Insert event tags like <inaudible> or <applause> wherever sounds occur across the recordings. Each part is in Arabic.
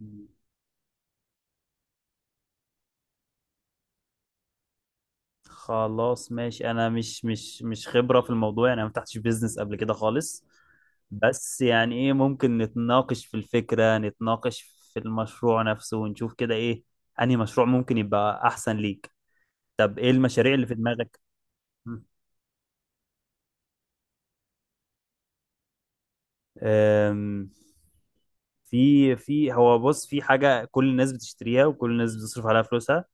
مم. خلاص ماشي، انا مش خبرة في الموضوع، يعني انا ما فتحتش بيزنس قبل كده خالص. بس يعني ايه ممكن؟ نتناقش في الفكرة، نتناقش في المشروع نفسه ونشوف كده ايه انهي مشروع ممكن يبقى احسن ليك. طب ايه المشاريع اللي في دماغك؟ مم. أم، في في هو بص، في حاجة كل الناس بتشتريها وكل الناس بتصرف عليها فلوسها.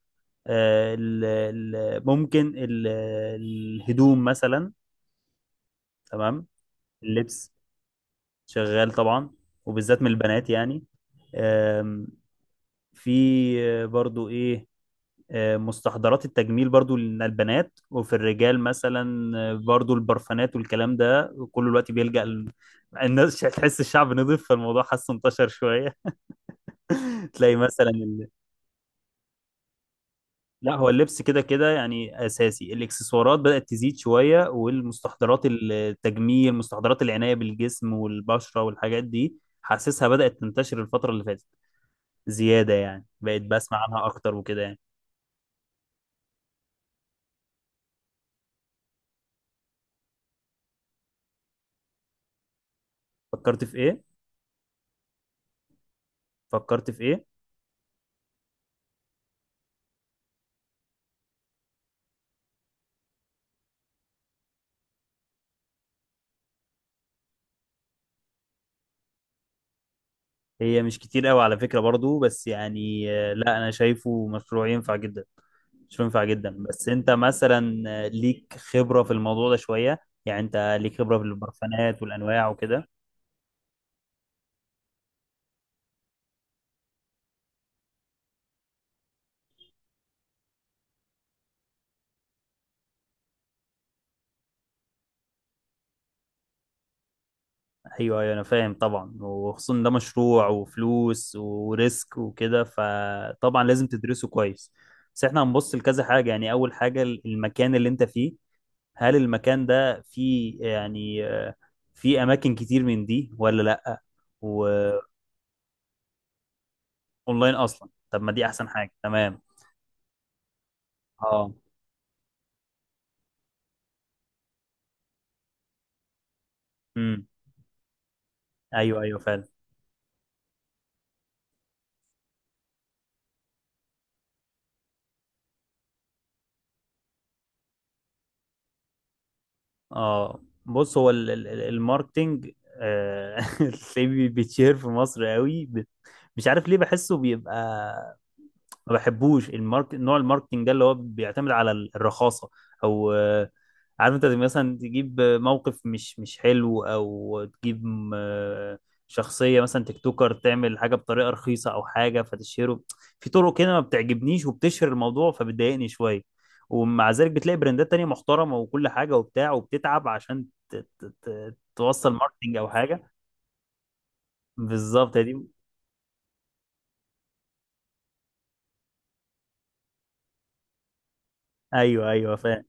أه، ال- ممكن الهدوم مثلا. تمام. اللبس شغال طبعا، وبالذات من البنات يعني. آم، في برضو ايه. مستحضرات التجميل برضو للبنات، وفي الرجال مثلا برضو البرفانات والكلام ده كله دلوقتي بيلجأ الناس <laughs> تحس الشعب نضيف، فالموضوع حاسه انتشر شوية. <laughs> تلاقي مثلا. لا، هو اللبس كده كده يعني اساسي، الاكسسوارات بدأت تزيد شوية، والمستحضرات التجميل، مستحضرات العناية بالجسم والبشرة والحاجات دي، حاسسها بدأت تنتشر الفترة اللي فاتت زيادة، يعني بقيت بسمع عنها أكتر وكده يعني. فكرت في إيه؟ فكرت في إيه؟ هي مش كتير قوي على فكرة برضو، بس يعني لا، أنا شايفه مشروع ينفع جدا، مشروع ينفع جدا. بس أنت مثلا ليك خبرة في الموضوع ده شوية، يعني أنت ليك خبرة في البرفانات والأنواع وكده. أيوه، أيوه، أنا فاهم طبعا، وخصوصا ده مشروع وفلوس وريسك وكده، فطبعا لازم تدرسه كويس. بس احنا هنبص لكذا حاجة، يعني أول حاجة المكان اللي أنت فيه، هل المكان ده فيه يعني فيه اماكن كتير من دي ولا لا، واونلاين؟ اصلا طب، ما دي احسن حاجه، تمام. اه. امم. ايوه، ايوه، فعلا. اه، بص، هو الماركتينج آه، <laughs> تلاقيه بيتشهر في مصر قوي، مش عارف ليه، بحسه بيبقى، ما بحبوش نوع الماركتينج ده اللي هو بيعتمد على الرخاصه، او عارف انت زي مثلا تجيب موقف مش حلو، او تجيب شخصية مثلا تيك توكر تعمل حاجة بطريقة رخيصة او حاجة فتشهره، في طرق كده ما بتعجبنيش وبتشهر الموضوع فبتضايقني شوية. ومع ذلك بتلاقي براندات تانية محترمة وكل حاجة وبتاع وبتتعب عشان توصل ماركتنج او حاجة. بالظبط، يا دي. ايوه، ايوه، فاهم.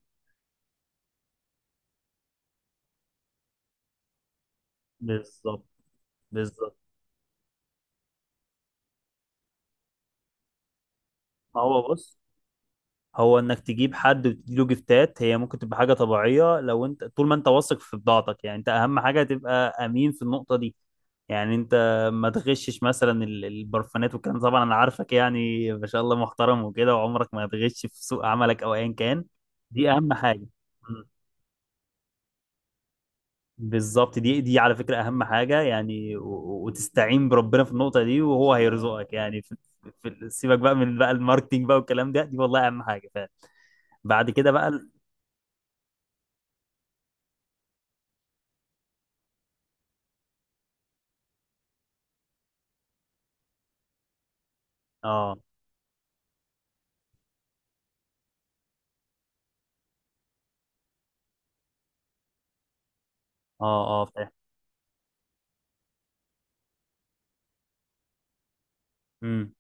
بالظبط، بالظبط. ما هو بص، هو انك تجيب حد وتديله جفتات هي ممكن تبقى حاجه طبيعيه، لو انت طول ما انت واثق في بضاعتك، يعني انت اهم حاجه تبقى امين في النقطه دي، يعني انت ما تغشش مثلا البرفانات والكلام ده. طبعا، انا عارفك، يعني ما شاء الله، محترم وكده، وعمرك ما هتغش في سوق عملك او ايا كان. دي اهم حاجه. م. بالظبط، دي على فكره اهم حاجه، يعني وتستعين بربنا في النقطه دي، وهو هيرزقك، يعني في سيبك بقى من بقى الماركتينج بقى والكلام ده، دي والله اهم حاجه فعلا. بعد كده بقى. اه، اه، اه، فاهم. امم.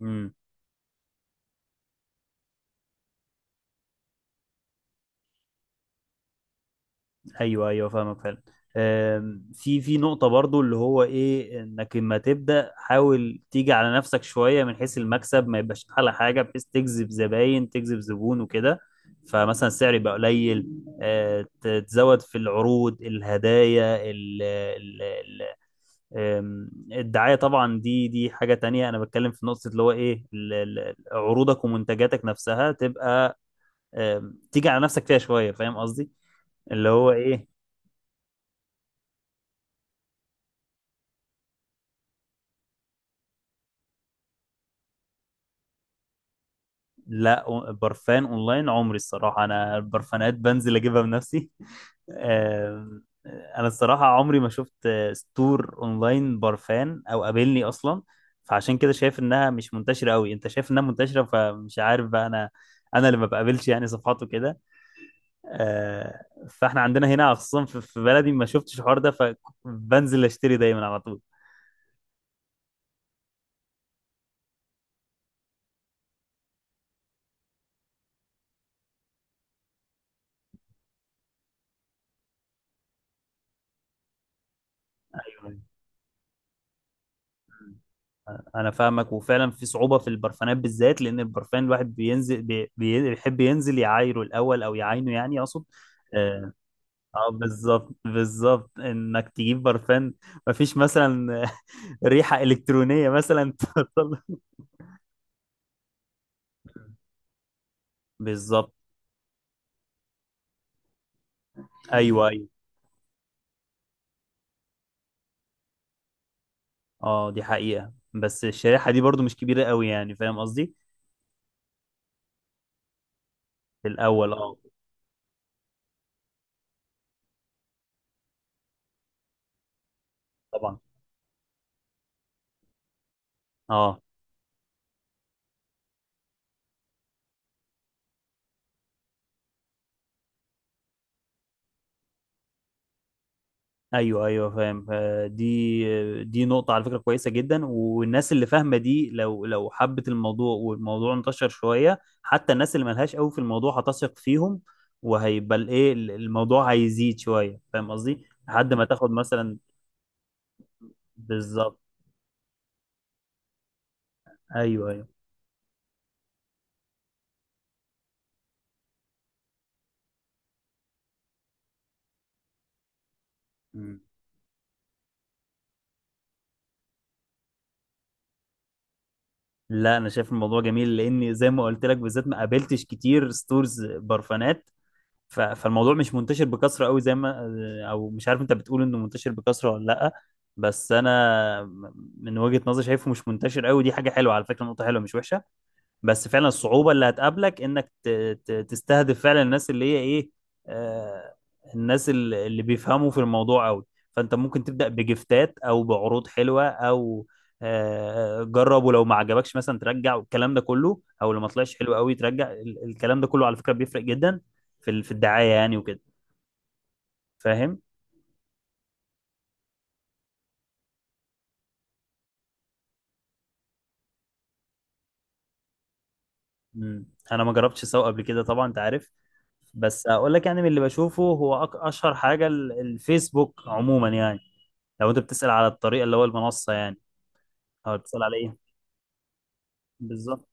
امم. ايوه، ايوه، فاهمك فعلا. في نقطة برضو اللي هو ايه، انك لما تبدأ حاول تيجي على نفسك شوية من حيث المكسب، ما يبقاش على حاجة بحيث تجذب زباين، تجذب زبون وكده، فمثلا السعر يبقى قليل. تزود في العروض، الهدايا ال ال ال الدعاية طبعا، دي حاجة تانية، انا بتكلم في نقطة اللي هو ايه، عروضك ومنتجاتك نفسها تبقى تيجي على نفسك فيها شويه، فاهم قصدي، اللي هو ايه. لا، برفان اونلاين عمري، الصراحه انا البرفانات بنزل اجيبها بنفسي. <laughs> انا الصراحه عمري ما شفت ستور اونلاين برفان او قابلني اصلا، فعشان كده شايف انها مش منتشره قوي، انت شايف انها منتشره، فمش عارف بقى انا. انا اللي ما بقابلش يعني صفحاته كده. فاحنا عندنا هنا خصوصا في بلدي ما شفتش الحوار ده، فبنزل اشتري دايما على طول. انا فاهمك، وفعلا في صعوبه في البرفانات بالذات، لان البرفان الواحد بينزل بيحب ينزل يعايره الاول، او يعاينه، يعني اقصد. اه. بالظبط، بالظبط، انك تجيب برفان مفيش مثلا <laughs> ريحه الكترونيه مثلا <laughs> توصل- بالظبط. ايوه، ايوه. اه، دي حقيقه، بس الشريحه دي برضو مش كبيره قوي، يعني فاهم قصدي. في الاول، اه. طبعا. اه. ايوه، ايوه، فاهم. دي نقطة على فكرة كويسة جدا، والناس اللي فاهمة دي لو حبت الموضوع والموضوع انتشر شوية، حتى الناس اللي ملهاش قوي في الموضوع هتثق فيهم، وهيبقى الموضوع هيزيد شوية، فاهم قصدي لحد ما تاخد مثلا. بالظبط. ايوه، ايوه. مم. لا، انا شايف الموضوع جميل، لاني زي ما قلت لك، بالذات ما قابلتش كتير ستورز برفانات، فالموضوع مش منتشر بكثره قوي زي ما، او مش عارف، انت بتقول انه منتشر بكثره ولا لا، بس انا من وجهة نظري شايفه مش منتشر قوي، دي حاجه حلوه على فكره، نقطه حلوه مش وحشه. بس فعلا الصعوبة اللي هتقابلك انك تستهدف فعلا الناس اللي هي ايه. آه الناس اللي بيفهموا في الموضوع قوي، فانت ممكن تبدأ بجفتات او بعروض حلوة او جرب، ولو ما عجبكش مثلا ترجع والكلام ده كله، او لو ما طلعش حلو قوي ترجع الكلام ده كله، على فكرة بيفرق جدا في في الدعاية يعني وكده، فاهم. مم. انا ما جربتش اسوق قبل كده طبعا، انت عارف، بس اقول لك يعني من اللي بشوفه هو اشهر حاجة الفيسبوك عموما يعني، لو انت بتسأل على الطريقة اللي هو المنصة يعني، او بتسأل على ايه؟ بالظبط.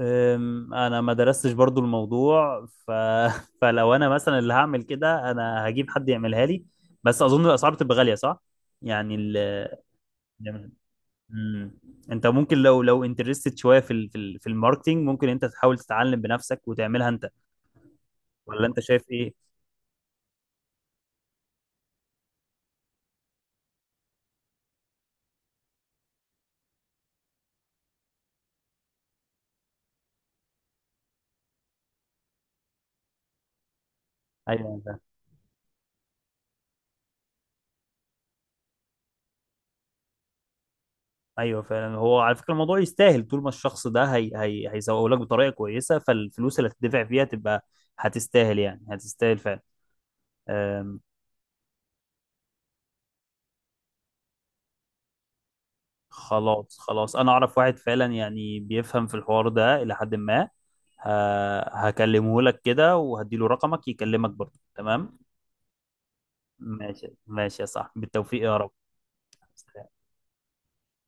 انا ما درستش برضو الموضوع. <laughs> فلو انا مثلا اللي هعمل كده، انا هجيب حد يعملها لي، بس اظن الاسعار بتبقى غالية صح، يعني. مم. انت ممكن لو انترستد شوية في في في الماركتينج، ممكن انت تحاول تتعلم بنفسك وتعملها انت، ولا انت شايف ايه؟ ايوه، ايوه، فعلا، هو على فكره الموضوع يستاهل، طول ما الشخص ده هي هيسوق لك بطريقه كويسه، فالفلوس اللي هتدفع فيها تبقى هتستاهل، يعني هتستاهل فعلا. أم، خلاص، خلاص، انا اعرف واحد فعلا يعني بيفهم في الحوار ده الى حد ما، هكلمه لك كده وهديله رقمك يكلمك برضه، تمام. ماشي، ماشي يا صاحبي، بالتوفيق يا رب.